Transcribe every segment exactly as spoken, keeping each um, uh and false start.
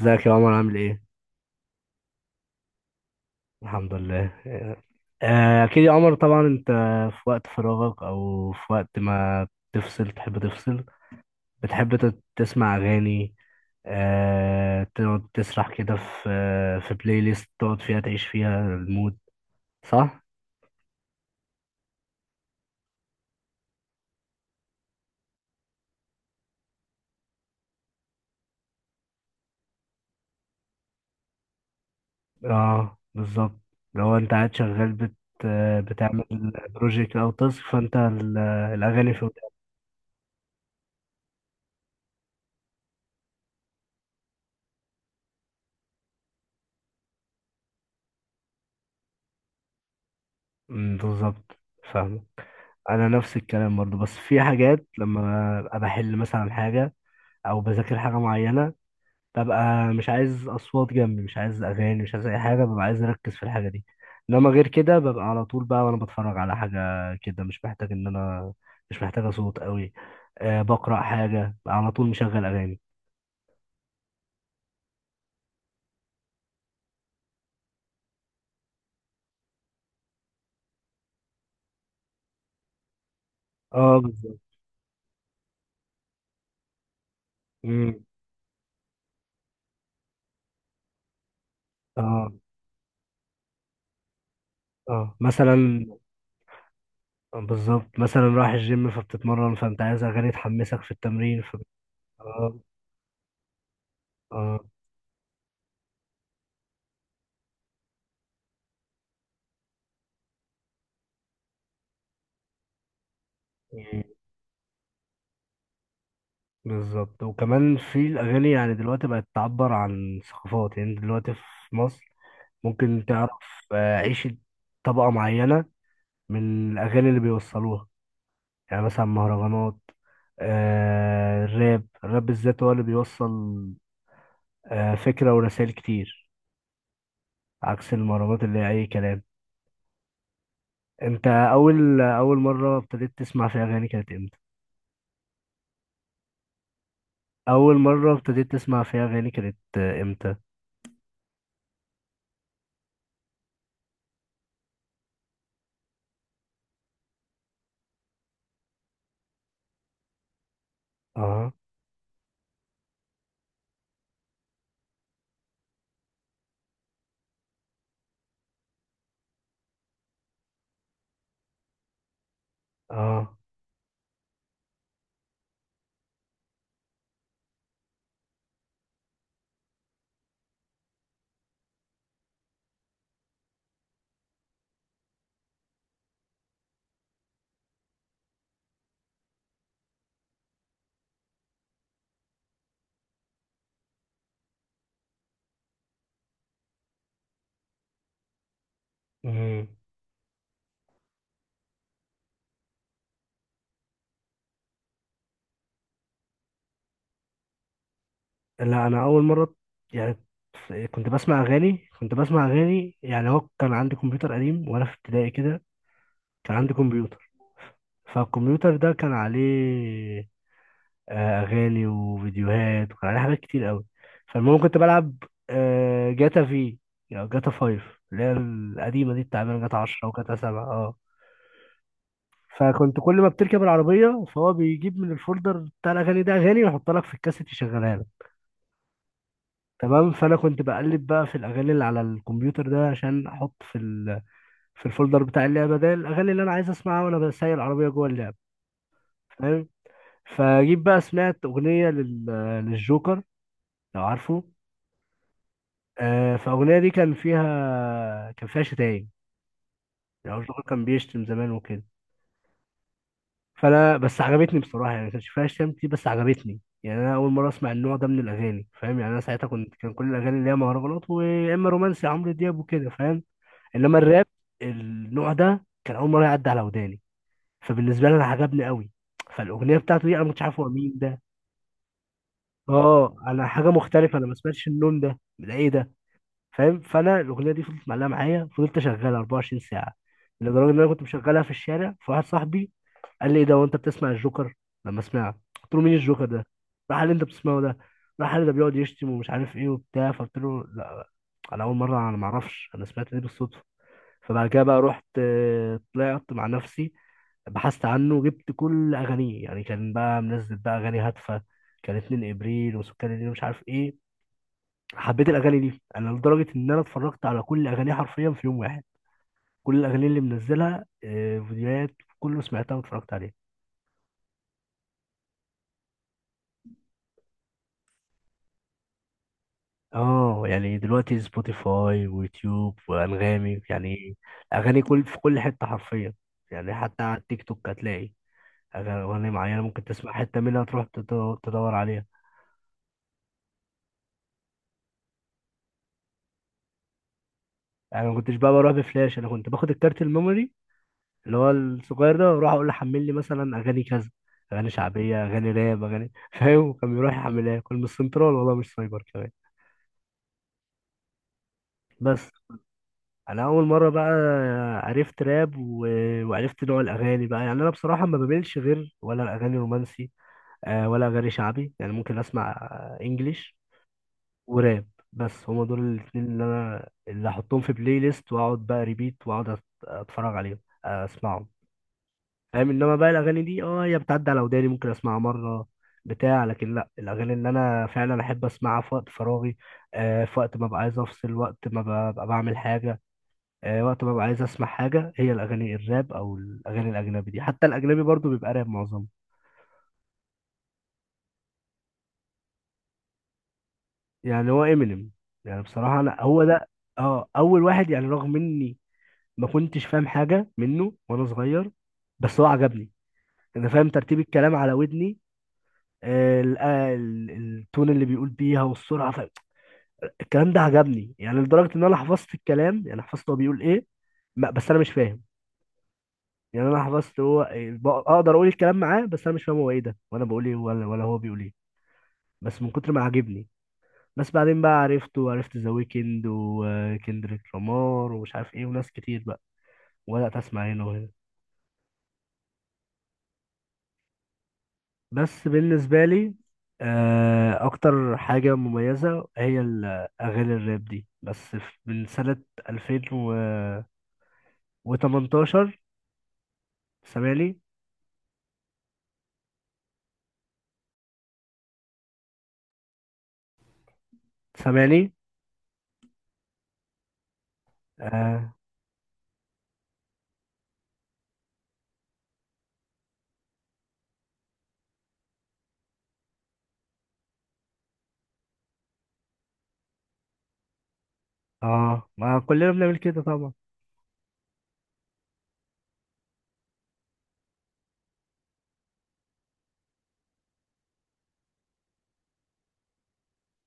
ازيك يا عمر، عامل ايه؟ الحمد لله. آه، اكيد يا عمر، طبعا انت في وقت فراغك او في وقت ما تفصل تحب تفصل. بتحب تت- تسمع اغاني، آه، تقعد تسرح كده في في بلاي ليست، تقعد فيها تعيش فيها المود، صح؟ اه بالظبط. لو انت قاعد شغال بت بتعمل بروجيكت او تاسك، فانت ال- الاغاني في ودنك. أمم، بالظبط. فاهم. انا نفس الكلام برضو، بس في حاجات لما ابقى بحل مثلا حاجه او بذاكر حاجه معينه ببقى مش عايز اصوات جنبي، مش عايز اغاني، مش عايز اي حاجه، ببقى عايز اركز في الحاجه دي. انما غير كده ببقى على طول بقى وانا بتفرج على حاجه كده، مش محتاج ان انا مش محتاجه صوت قوي. أه بقرا حاجه ببقى على طول مشغل اغاني. اه بالظبط. امم. اه. اه مثلا. بالظبط، مثلا رايح الجيم فبتتمرن، فانت عايز اغاني تحمسك في التمرين ف اه. اه بالظبط. وكمان في الأغاني، يعني دلوقتي بقت تعبر عن ثقافات، يعني دلوقتي في مصر ممكن تعرف آه، عيشة طبقة معينة من الأغاني اللي بيوصلوها. يعني مثلا مهرجانات، آه، الراب الراب بالذات هو اللي بيوصل آه، فكرة ورسائل كتير، عكس المهرجانات اللي هي أي كلام. أنت أول أول مرة ابتديت تسمع فيها أغاني كانت إمتى؟ أول مرة ابتديت تسمع فيها أغاني كانت آه، إمتى؟ أه. أه. مم. لا انا اول مره، يعني كنت بسمع اغاني كنت بسمع اغاني. يعني هو كان عندي كمبيوتر قديم وانا في ابتدائي كده، كان عندي كمبيوتر، فالكمبيوتر ده كان عليه آه، اغاني وفيديوهات، وكان عليه حاجات كتير قوي. فالمهم كنت بلعب آه، جاتا في، يعني جاتا فايف، اللي هي القديمه دي بتاع جاتا عشرة وجاتا سبعة. اه، فكنت كل ما بتركب العربيه فهو بيجيب من الفولدر بتاع الاغاني ده اغاني ويحط لك في الكاسيت يشغلها لك. تمام. فانا كنت بقلب بقى في الاغاني اللي على الكمبيوتر ده عشان احط في ال... في الفولدر بتاع اللعبه ده الاغاني اللي انا عايز اسمعها وانا بسايق العربيه جوه اللعبه، فاهم. فجيت بقى سمعت اغنيه لل... للجوكر، لو عارفه. آه فالاغنيه دي كان فيها كان فيها شتايم، يعني الجوكر كان بيشتم زمان وكده. فانا بس عجبتني بصراحه، يعني ما كانش فيها شتايم كتير بس عجبتني. يعني انا اول مره اسمع النوع ده من الاغاني، فاهم. يعني انا ساعتها كنت كان كل الاغاني اللي هي مهرجانات، ويا اما رومانسي، عمرو دياب وكده، فاهم. انما الراب النوع ده كان اول مره يعدي على وداني، فبالنسبه لي انا عجبني قوي. فالاغنيه بتاعته دي انا ما كنتش عارف هو مين ده. اه انا حاجه مختلفه، انا ما سمعتش النون ده، ده ايه ده؟ فاهم. فانا الاغنيه دي فضلت معلقه معايا، فضلت اشغلها أربعة وعشرين ساعه، لدرجه ان انا كنت مشغلها في الشارع. فواحد صاحبي قال لي ايه ده وانت بتسمع الجوكر، لما سمعها قلت له مين الجوكر ده. راح قال لي انت بتسمعه ده، راح قال لي ده بيقعد يشتم ومش عارف ايه وبتاع. فقلت له لا، انا اول مره، انا ما اعرفش، انا سمعت دي بالصدفه. فبعد كده بقى رحت آه، طلعت مع نفسي، بحثت عنه وجبت كل اغانيه. يعني كان بقى منزل بقى اغاني هادفه، كان 2 ابريل وسكان الليل مش عارف ايه. حبيت الاغاني دي انا لدرجه ان انا اتفرجت على كل اغانيه حرفيا في يوم واحد. كل الاغاني اللي منزلها آه، فيديوهات، كله سمعتها واتفرجت عليها. اه، يعني دلوقتي سبوتيفاي ويوتيوب وانغامي، يعني اغاني كل في كل حته حرفيا. يعني حتى على التيك توك هتلاقي اغاني أغاني معينه ممكن تسمع حته منها تروح تدو- تدور عليها. يعني ما كنتش بقى بروح بفلاش، انا كنت باخد الكارت الميموري اللي هو الصغير ده واروح اقول له حمل لي مثلا اغاني كذا، اغاني شعبيه، اغاني راب، اغاني فاهم. وكان بيروح يحملها لي. كان من السنترال والله، مش سايبر كمان. بس انا اول مره بقى عرفت راب و... وعرفت نوع الاغاني بقى. يعني انا بصراحه ما بميلش غير ولا الاغاني رومانسي آه، ولا اغاني شعبي، يعني ممكن اسمع آه، انجليش وراب. بس هما دول الاتنين اللي انا اللي احطهم في بلاي ليست، واقعد بقى ريبيت واقعد أت- اتفرج عليهم، آه، اسمعهم، فاهم. انما بقى الاغاني دي اه هي بتعدي على وداني ممكن اسمعها مره، بتاع، لكن لا، الاغاني اللي انا فعلا احب اسمعها في وقت فراغي آه في وقت ما ببقى عايز افصل، وقت ما ببقى بعمل حاجه، آه وقت ما ببقى عايز اسمع حاجه، هي الاغاني الراب او الاغاني الاجنبي دي، حتى الاجنبي برضو بيبقى راب معظمه. يعني هو امينيم. يعني بصراحه انا هو ده، اه اول واحد، يعني رغم اني ما كنتش فاهم حاجه منه وانا صغير، بس هو عجبني. انا فاهم ترتيب الكلام على ودني، ال- آه، ال- التون اللي بيقول بيها والسرعه. ف... الكلام ده عجبني، يعني لدرجه ان انا حفظت الكلام، يعني حفظت هو بيقول ايه. ما- بس انا مش فاهم. يعني انا حفظت هو إيه، بق- اقدر اقول الكلام معاه، بس انا مش فاهم هو ايه ده وانا بقول ايه ولا ولا هو بيقول ايه، بس من كتر ما عاجبني. بس بعدين بقى عرفته، وعرفت ذا ويكند وكندريك لامار ومش عارف ايه وناس كتير بقى، وبدات اسمع هنا وهنا. بس بالنسبة لي آه، أكتر حاجة مميزة هي الأغاني الراب دي، بس في- من سنة ألفين وتمنتاشر. سامعني؟ سامعني؟ آه. آه ما كلنا بنعمل كده طبعا.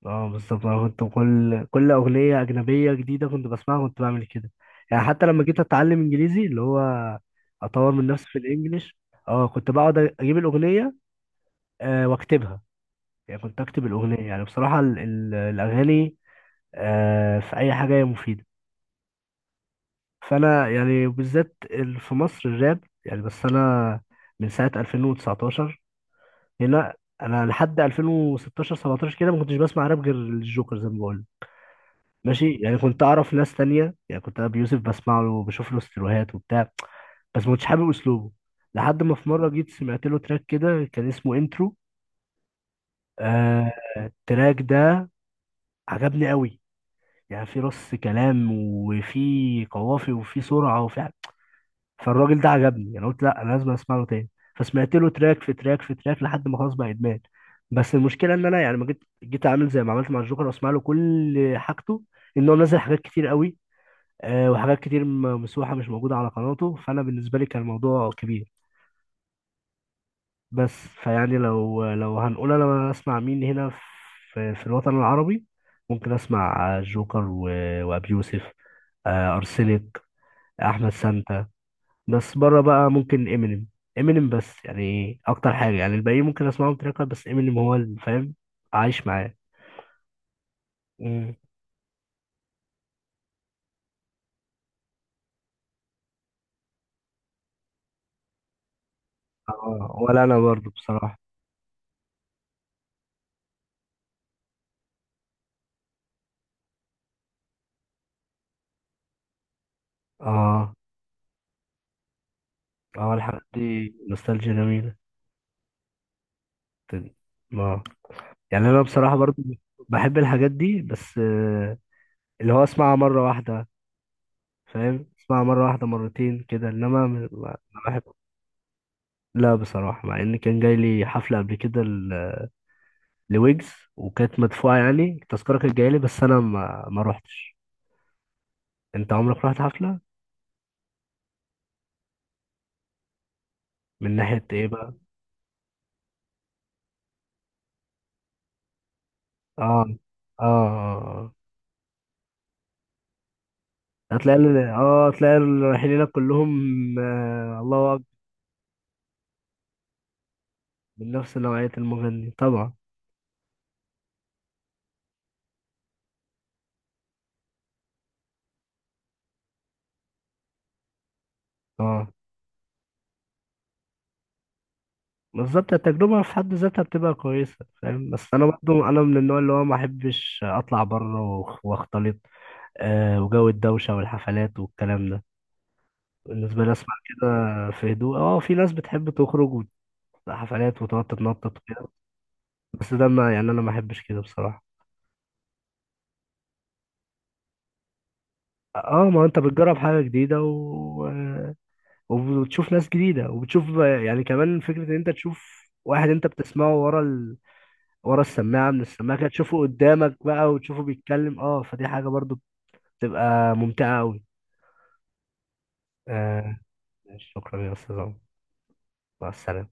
اه بالظبط، أنا كنت كل كل أغنية أجنبية جديدة كنت بسمعها كنت بعمل كده. يعني حتى لما جيت أتعلم إنجليزي، اللي هو أطور من نفسي في الإنجليش. اه كنت بقعد أجيب الأغنية، آه، وأكتبها. يعني كنت أكتب الأغنية. يعني بصراحة ال- ال- الأغاني آه، في اي حاجه هي مفيده. فانا يعني بالذات ال- في مصر الراب، يعني بس انا من ساعه ألفين وتسعة عشر هنا. انا لحد ألفين وستاشر سبعة عشر كده ما كنتش بسمع راب غير الجوكر، زي ما بقول. ماشي. يعني كنت اعرف ناس تانية، يعني كنت ابي يوسف بسمع له وبشوف له استروهات وبتاع، بس ما كنتش حابب اسلوبه. لحد ما في مره جيت سمعت له تراك كده كان اسمه انترو، آه التراك ده عجبني قوي، يعني في رص كلام وفي قوافي وفي سرعه وفي فالراجل ده عجبني، انا قلت لا انا لازم اسمع له تاني، فسمعت له تراك في تراك في تراك لحد ما خلاص بقى ادمان. بس المشكله ان انا يعني ما جيت جيت عامل زي ما عملت مع الجوكر واسمع له كل حاجته، ان هو منزل حاجات كتير قوي آه، وحاجات كتير م- مسروحه مش موجوده على قناته. فانا بالنسبه لي كان الموضوع كبير. بس، فيعني لو لو هنقول انا اسمع مين هنا في, في الوطن العربي، ممكن اسمع الجوكر و- وابي يوسف، آه، ارسنك، احمد سانتا. بس بره بقى ممكن امينيم. امينيم بس، يعني اكتر حاجه، يعني الباقيين ممكن اسمعهم تراك، بس امينيم هو اللي فاهم، عايش معاه. مم. اه ولا انا برضو بصراحه. اه. اه الحاجات دي نوستالجيا جميله. تن- اه. يعني انا بصراحه برضو بحب الحاجات دي بس آه، اللي هو اسمعها مره واحده، فاهم، اسمعها مره واحده مرتين كده، انما م- ما ما بحب. لا بصراحه، مع ان كان جاي لي حفله قبل كده، لويجز، وكانت مدفوعة، يعني التذكرة كانت جاية لي بس أنا ما ما روحتش. أنت عمرك رحت حفلة؟ من ناحية إيه بقى؟ آه. آه. آه. آه. هتلاقي ال- آه هتلاقي اللي رايحين هناك كلهم. آه، الله أكبر. من نفس نوعية المغني طبعا. آه بالظبط، التجربة في حد ذاتها بتبقى كويسة، فاهم. بس أنا برضو أنا من النوع اللي هو ما أحبش أطلع بره وأخ- وأختلط، آه وجو الدوشة والحفلات والكلام ده. بالنسبة لي أسمع كده في هدوء. اه، في ناس بتحب تخرج حفلات وتقعد تتنطط كده، بس ده ما يعني انا ما احبش كده بصراحة. اه، ما انت بتجرب حاجة جديدة و... آه، وبتشوف ناس جديدة وبتشوف، يعني كمان فكرة ان انت تشوف واحد انت بتسمعه ورا ال... ورا السماعة، من السماعة كده تشوفه قدامك بقى وتشوفه بيتكلم، اه فدي حاجة برضو بتبقى ممتعة قوي. آه. شكرا يا استاذ عمر. مع السلامة.